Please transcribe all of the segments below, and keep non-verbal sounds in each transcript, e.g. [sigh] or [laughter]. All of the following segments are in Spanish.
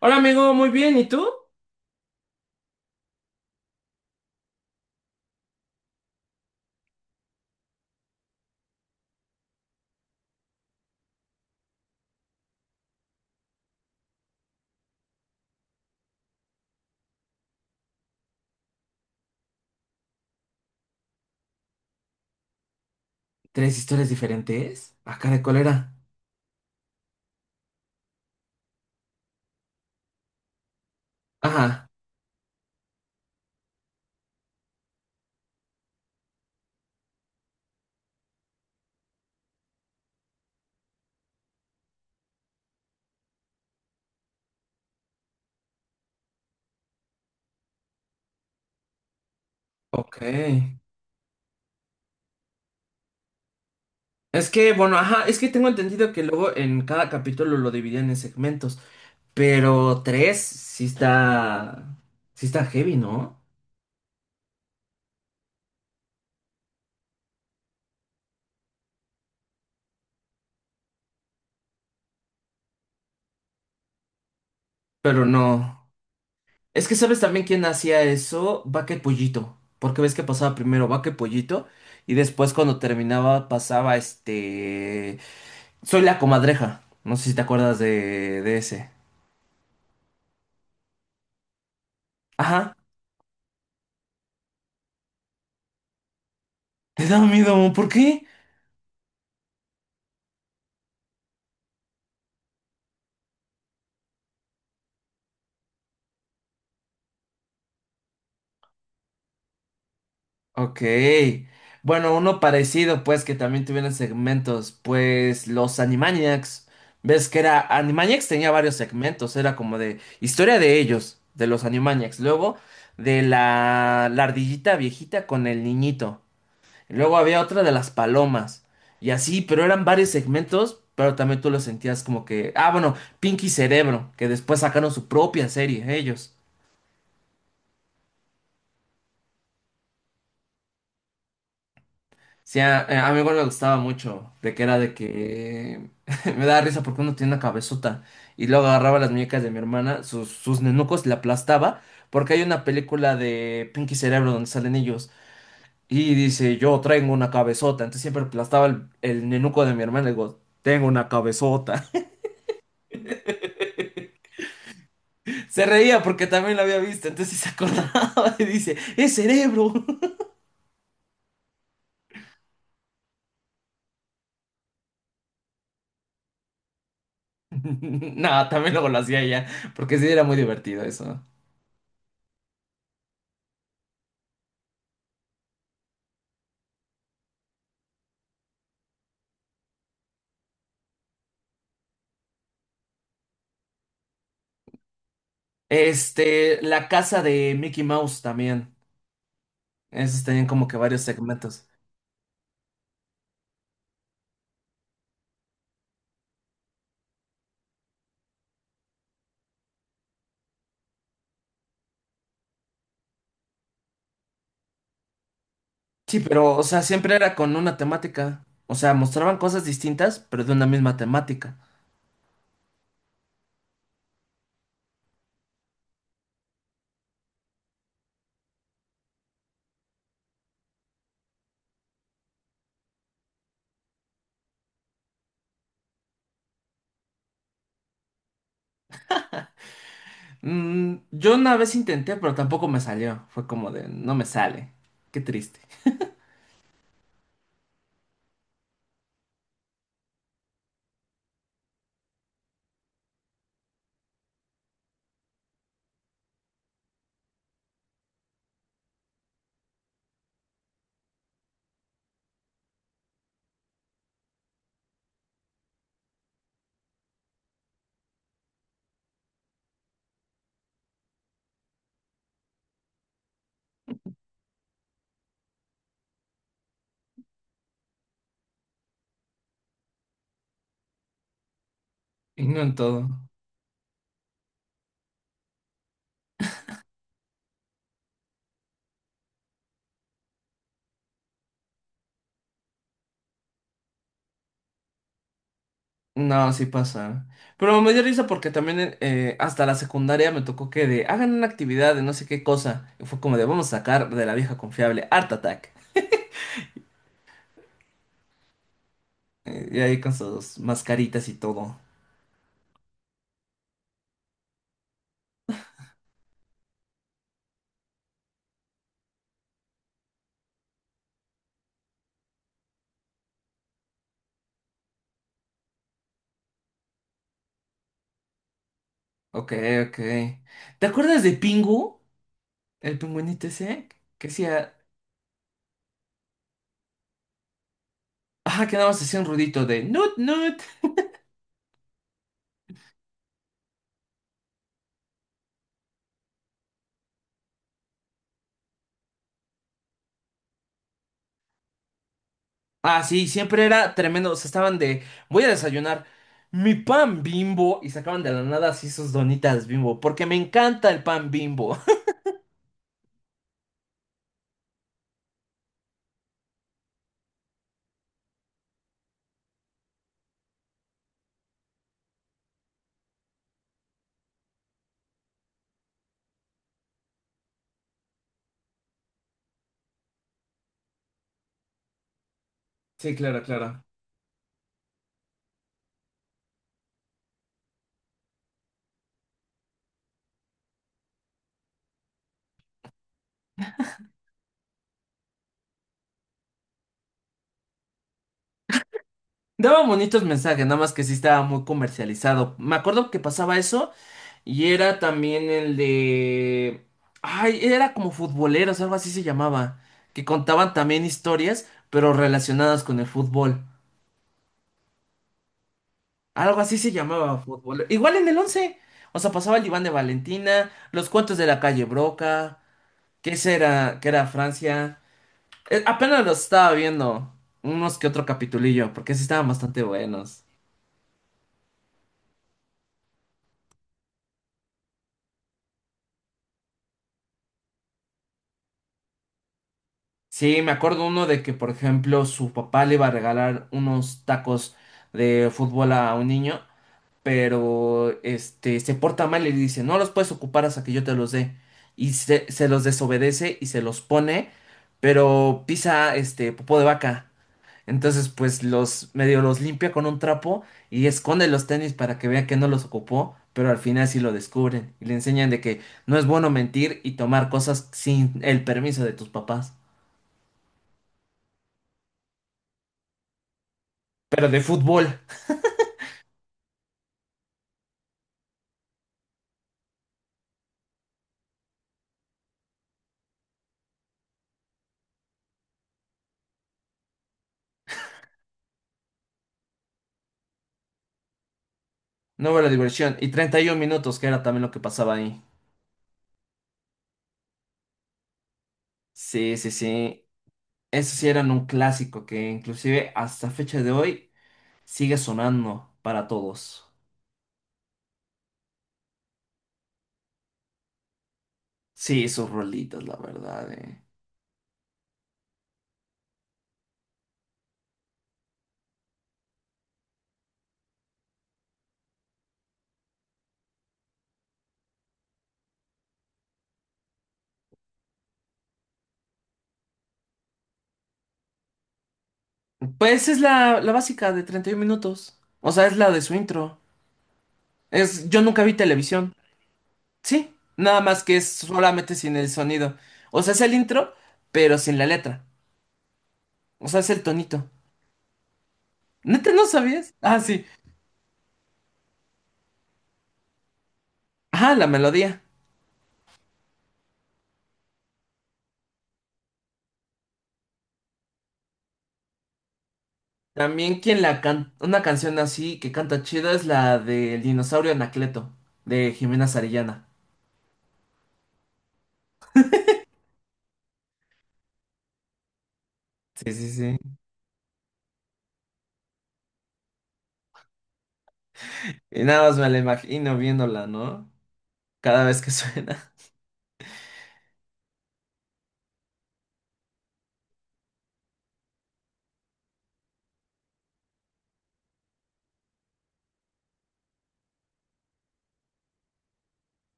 Hola amigo, muy bien, ¿y tú? ¿Tres historias diferentes? Acá de cólera. Ajá, ok. Es que, bueno, ajá, es que tengo entendido que luego en cada capítulo lo dividían en segmentos, pero tres sí está heavy, ¿no? Pero no. Es que sabes también quién hacía eso, Vaca y Pollito, porque ves que pasaba primero Vaca y Pollito y después cuando terminaba pasaba este... Soy la comadreja, no sé si te acuerdas de ese. Ajá, te da miedo, ¿por qué? Ok. Bueno, uno parecido, pues, que también tuvieron segmentos, pues, los Animaniacs. Ves que era, Animaniacs tenía varios segmentos, era como de historia de ellos, de los Animaniacs. Luego, de la ardillita viejita con el niñito. Luego había otra de las palomas. Y así, pero eran varios segmentos, pero también tú lo sentías como que, ah, bueno, Pinky Cerebro, que después sacaron su propia serie, ellos. Sí, a mi igual me gustaba mucho, de que era de que [laughs] me daba risa porque uno tiene una cabezota y luego agarraba las muñecas de mi hermana, sus nenucos, y la aplastaba, porque hay una película de Pinky Cerebro donde salen ellos y dice, yo traigo una cabezota, entonces siempre aplastaba el nenuco de mi hermana y digo, tengo una cabezota. [laughs] Se reía porque también lo había visto, entonces se acordaba [laughs] y dice, es cerebro. [laughs] No, también luego lo hacía ella, porque sí era muy divertido eso. Este, la casa de Mickey Mouse también. Esos tenían como que varios segmentos. Sí, pero, o sea, siempre era con una temática. O sea, mostraban cosas distintas, pero de una misma temática. Mm, yo una vez intenté, pero tampoco me salió. Fue como de, no me sale. Qué triste. Y no en todo. No, sí pasa. Pero me dio risa porque también hasta la secundaria me tocó que de, hagan una actividad de no sé qué cosa. Y fue como de, vamos a sacar de la vieja confiable Art Attack. Y ahí con sus mascaritas y todo. Ok, ok. ¿Te acuerdas de Pingu? El pingüinito ese que hacía. Ajá, que nada más hacía un ruidito de nut nut. Ah, sí, siempre era tremendo. O sea, estaban de voy a desayunar mi pan Bimbo y sacaban de la nada así sus donitas Bimbo, porque me encanta el pan Bimbo. [laughs] Sí, claro, claro. Daba bonitos mensajes, nada más que sí estaba muy comercializado. Me acuerdo que pasaba eso. Y era también el de... Ay, era como futboleros, algo así se llamaba. Que contaban también historias, pero relacionadas con el fútbol. Algo así se llamaba fútbol. Igual en el once. O sea, pasaba el Iván de Valentina, los cuentos de la calle Broca, que era Francia. Apenas los estaba viendo. Unos que otro capitulillo, porque sí estaban bastante buenos. Sí, me acuerdo uno de que, por ejemplo, su papá le iba a regalar unos tacos de fútbol a un niño. Pero este se porta mal y le dice, no los puedes ocupar hasta que yo te los dé. Y se los desobedece y se los pone, pero pisa este popó de vaca. Entonces, pues los medio los limpia con un trapo y esconde los tenis para que vea que no los ocupó, pero al final sí lo descubren y le enseñan de que no es bueno mentir y tomar cosas sin el permiso de tus papás. Pero de fútbol, no la diversión. Y 31 minutos, que era también lo que pasaba ahí. Sí, sí, sí. Esos sí eran un clásico que inclusive hasta fecha de hoy sigue sonando para todos. Sí, sus rolitas, la verdad. Eh. Pues es la básica de 31 minutos. O sea, es la de su intro. Es, yo nunca vi televisión. Sí, nada más que es solamente sin el sonido. O sea, es el intro, pero sin la letra. O sea, es el tonito. ¿Neta no sabías? Ah, sí. Ajá, la melodía. También quien la canta, una canción así que canta chida es la del dinosaurio Anacleto, de Jimena Sarillana. Sí, sí, sí. Y nada más me la imagino viéndola, ¿no? Cada vez que [laughs] suena.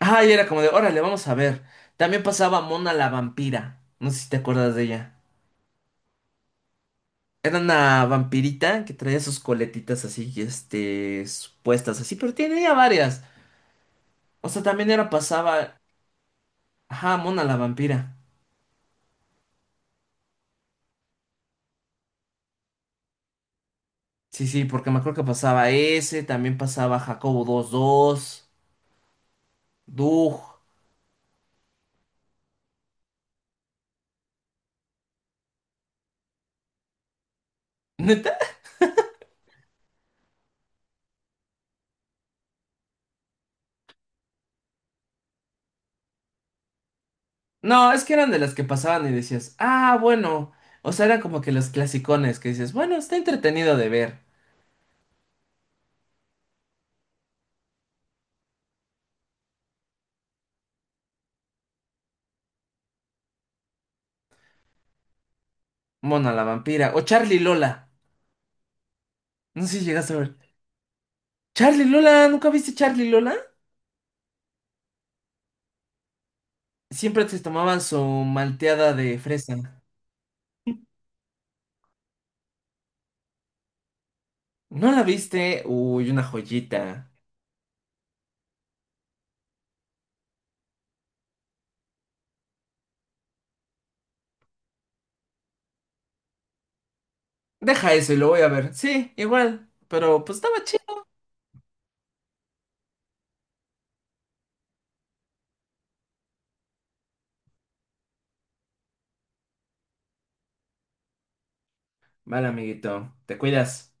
Ah, y era como de, órale, vamos a ver. También pasaba Mona la vampira. No sé si te acuerdas de ella. Era una vampirita que traía sus coletitas así, este, puestas así, pero tenía varias. O sea, también era pasaba, ajá, Mona la vampira. Sí, sí, porque me acuerdo que pasaba ese, también pasaba Jacobo dos dos Doug. [laughs] ¿Neta? No, es que eran de las que pasaban y decías, ah, bueno. O sea, eran como que los clasicones que dices, bueno, está entretenido de ver. Mona la vampira. O Charlie Lola. No sé si llegaste a ver. Charlie Lola, ¿nunca viste Charlie Lola? Siempre te tomaban su malteada de fresa. ¿No la viste? Uy, una joyita. Deja eso y lo voy a ver. Sí, igual. Pero pues estaba chido. Vale, amiguito. Te cuidas.